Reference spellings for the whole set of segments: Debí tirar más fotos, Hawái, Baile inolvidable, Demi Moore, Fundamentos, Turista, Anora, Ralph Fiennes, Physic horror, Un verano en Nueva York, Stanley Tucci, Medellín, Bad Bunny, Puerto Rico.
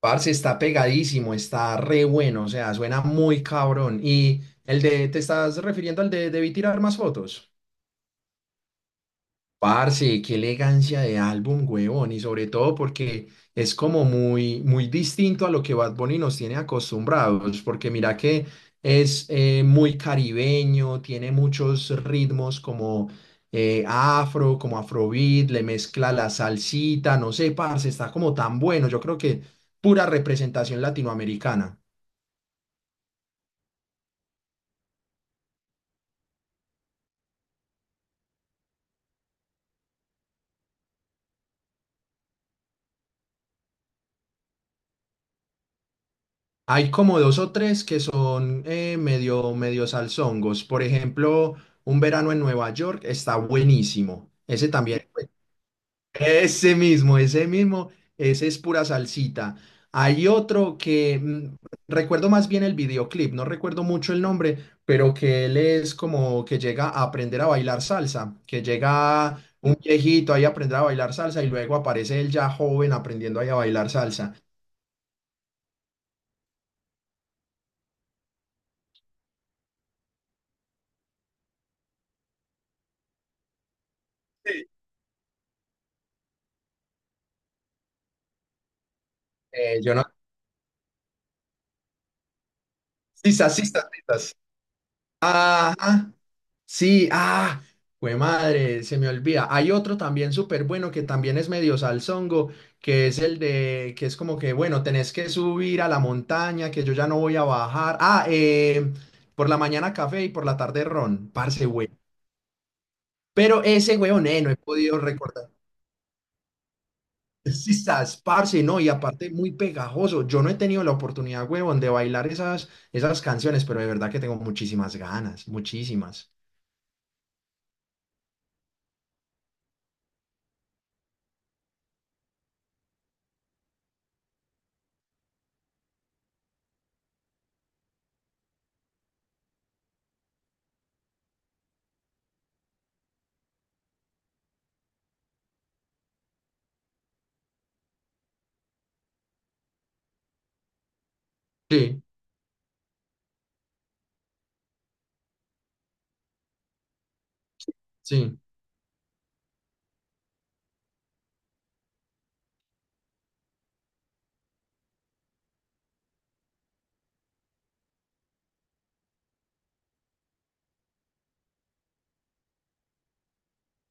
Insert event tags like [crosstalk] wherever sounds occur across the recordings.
Parce, está pegadísimo, está re bueno, o sea, suena muy cabrón. ¿Y el de, te estás refiriendo al de Debí tirar más fotos? Parce, qué elegancia de álbum, huevón, y sobre todo porque es como muy distinto a lo que Bad Bunny nos tiene acostumbrados, porque mira que es muy caribeño, tiene muchos ritmos como afro, como afrobeat, le mezcla la salsita, no sé, parce, está como tan bueno, yo creo que pura representación latinoamericana. Hay como dos o tres que son medio salsongos. Por ejemplo, Un verano en Nueva York está buenísimo. Ese también, pues, ese mismo, ese es pura salsita. Hay otro que recuerdo más bien el videoclip, no recuerdo mucho el nombre, pero que él es como que llega a aprender a bailar salsa, que llega un viejito ahí a aprender a bailar salsa y luego aparece él ya joven aprendiendo ahí a bailar salsa. Sí. Yo no. Sí, ajá, sí, ah, güey madre, se me olvida. Hay otro también súper bueno que también es medio salsongo, que es que es como que, bueno, tenés que subir a la montaña, que yo ya no voy a bajar. Ah, por la mañana café y por la tarde ron, parce, güey. Pero ese weón, no he podido recordar. [laughs] Sí, estás, parce, no, y aparte muy pegajoso. Yo no he tenido la oportunidad, weón, de bailar esas canciones, pero de verdad que tengo muchísimas ganas, muchísimas. Sí, sí.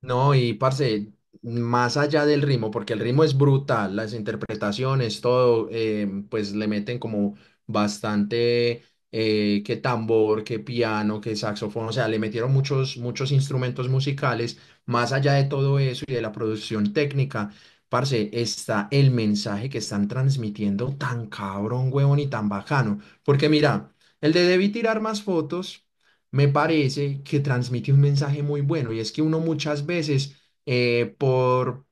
No, y parce, más allá del ritmo, porque el ritmo es brutal, las interpretaciones, todo, pues le meten como bastante, que tambor, que piano, que saxofón, o sea, le metieron muchos instrumentos musicales, más allá de todo eso y de la producción técnica, parce, está el mensaje que están transmitiendo tan cabrón, huevón y tan bacano, porque mira, el de Debí tirar más fotos me parece que transmite un mensaje muy bueno y es que uno muchas veces eh, por,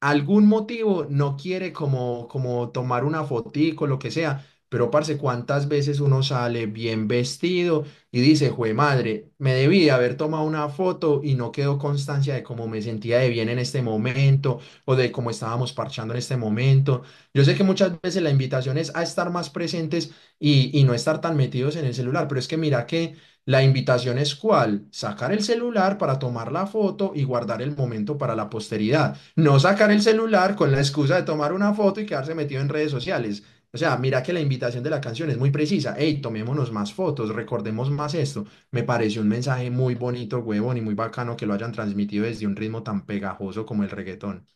algún motivo no quiere como tomar una fotico, lo que sea. Pero, parce, ¿cuántas veces uno sale bien vestido y dice, jue madre, me debí de haber tomado una foto y no quedó constancia de cómo me sentía de bien en este momento o de cómo estábamos parchando en este momento? Yo sé que muchas veces la invitación es a estar más presentes y no estar tan metidos en el celular, pero es que mira que la invitación es cuál, sacar el celular para tomar la foto y guardar el momento para la posteridad, no sacar el celular con la excusa de tomar una foto y quedarse metido en redes sociales. O sea, mira que la invitación de la canción es muy precisa. Hey, tomémonos más fotos, recordemos más esto. Me pareció un mensaje muy bonito, huevón, y muy bacano que lo hayan transmitido desde un ritmo tan pegajoso como el reggaetón.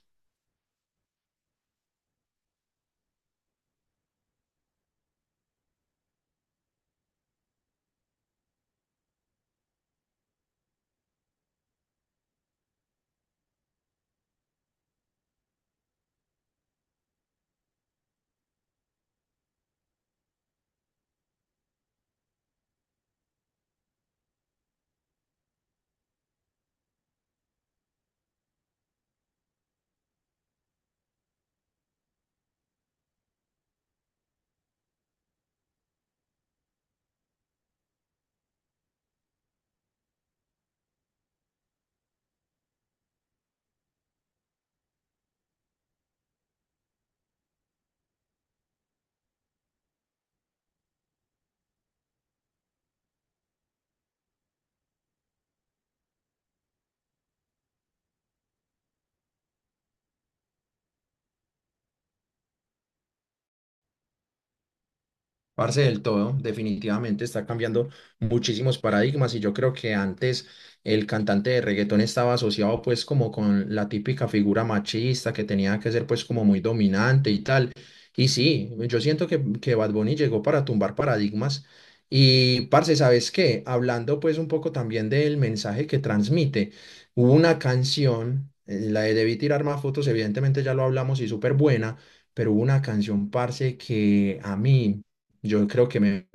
Parce del todo, definitivamente está cambiando muchísimos paradigmas y yo creo que antes el cantante de reggaetón estaba asociado pues como con la típica figura machista que tenía que ser pues como muy dominante y tal. Y sí, yo siento que Bad Bunny llegó para tumbar paradigmas y parce, ¿sabes qué? Hablando pues un poco también del mensaje que transmite, hubo una canción, la de Debí tirar más fotos, evidentemente ya lo hablamos y súper buena. Pero hubo una canción, parce, que a mí yo creo que me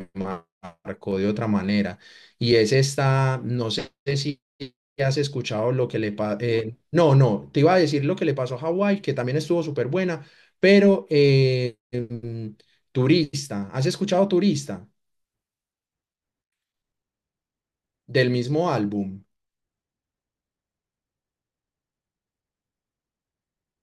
marcó de otra manera. Y es esta, no sé si has escuchado lo que le pasó, no, no, te iba a decir lo que le pasó a Hawái, que también estuvo súper buena, pero Turista, ¿has escuchado Turista? Del mismo álbum.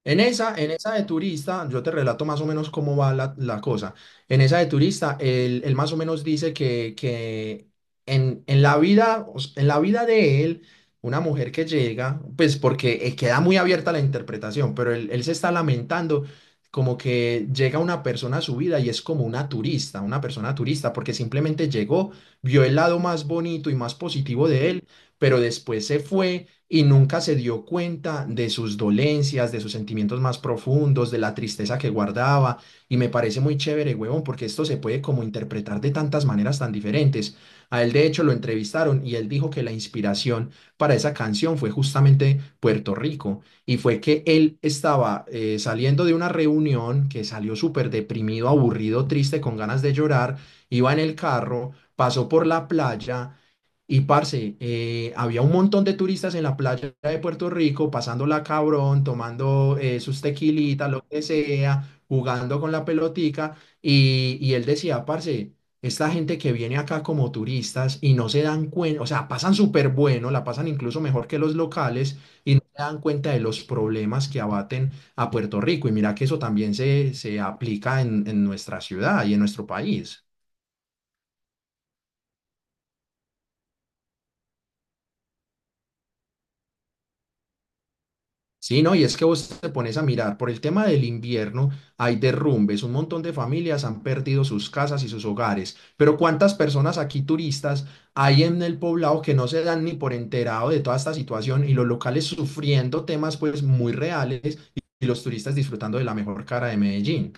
En esa de turista, yo te relato más o menos cómo va la cosa. En esa de turista, él más o menos dice que en la vida, o s- en la vida de él, una mujer que llega, pues porque queda muy abierta la interpretación, pero él se está lamentando como que llega una persona a su vida y es como una turista, una persona turista, porque simplemente llegó, vio el lado más bonito y más positivo de él, pero después se fue y nunca se dio cuenta de sus dolencias, de sus sentimientos más profundos, de la tristeza que guardaba. Y me parece muy chévere, huevón, porque esto se puede como interpretar de tantas maneras tan diferentes. A él, de hecho, lo entrevistaron y él dijo que la inspiración para esa canción fue justamente Puerto Rico. Y fue que él estaba saliendo de una reunión, que salió súper deprimido, aburrido, triste, con ganas de llorar. Iba en el carro, pasó por la playa y parce, había un montón de turistas en la playa de Puerto Rico, pasándola cabrón, tomando sus tequilitas, lo que sea, jugando con la pelotica. Y él decía, parce, esta gente que viene acá como turistas y no se dan cuenta, o sea, pasan súper bueno, la pasan incluso mejor que los locales y no se dan cuenta de los problemas que abaten a Puerto Rico. Y mira que eso también se aplica en nuestra ciudad y en nuestro país. Sí, no, y es que vos te pones a mirar, por el tema del invierno hay derrumbes, un montón de familias han perdido sus casas y sus hogares, pero ¿cuántas personas aquí turistas hay en el poblado que no se dan ni por enterado de toda esta situación y los locales sufriendo temas pues muy reales y los turistas disfrutando de la mejor cara de Medellín?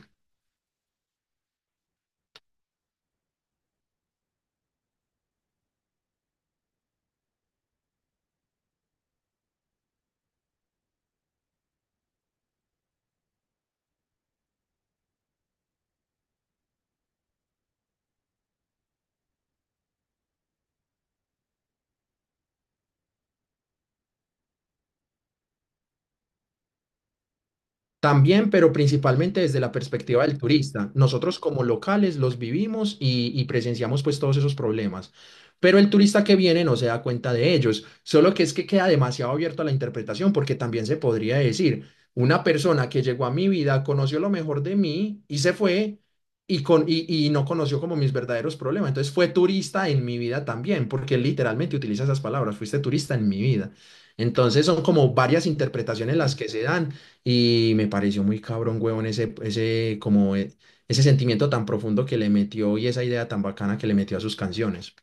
También, pero principalmente desde la perspectiva del turista. Nosotros como locales los vivimos y presenciamos pues todos esos problemas. Pero el turista que viene no se da cuenta de ellos. Solo que es que queda demasiado abierto a la interpretación porque también se podría decir, una persona que llegó a mi vida, conoció lo mejor de mí y se fue y no conoció como mis verdaderos problemas. Entonces fue turista en mi vida también, porque él literalmente utiliza esas palabras, fuiste turista en mi vida. Entonces son como varias interpretaciones las que se dan y me pareció muy cabrón, huevón, ese sentimiento tan profundo que le metió y esa idea tan bacana que le metió a sus canciones.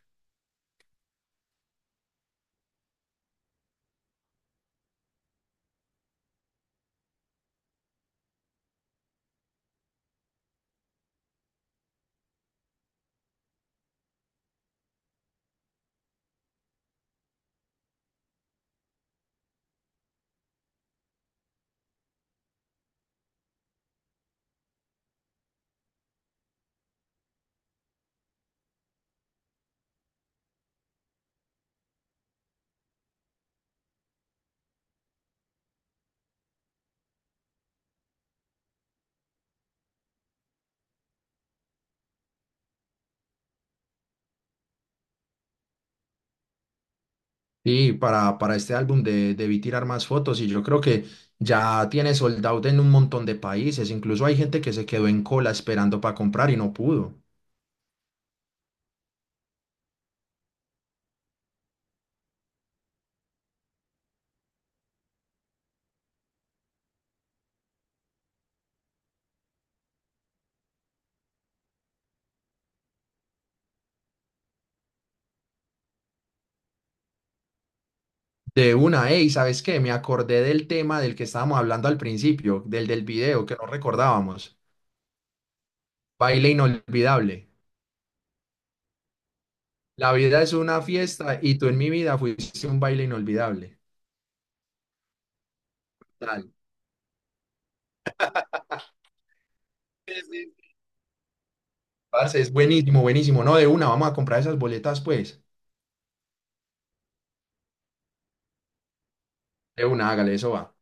Y para este álbum de Debí tirar más fotos, y yo creo que ya tiene sold out en un montón de países. Incluso hay gente que se quedó en cola esperando para comprar y no pudo. De una, hey, ¿sabes qué? Me acordé del tema del que estábamos hablando al principio, del video que no recordábamos. Baile inolvidable. La vida es una fiesta y tú en mi vida fuiste un baile inolvidable. Tal. Sí, sí. Parce, es buenísimo, buenísimo. No, de una, vamos a comprar esas boletas, pues. De una, hágale, eso va.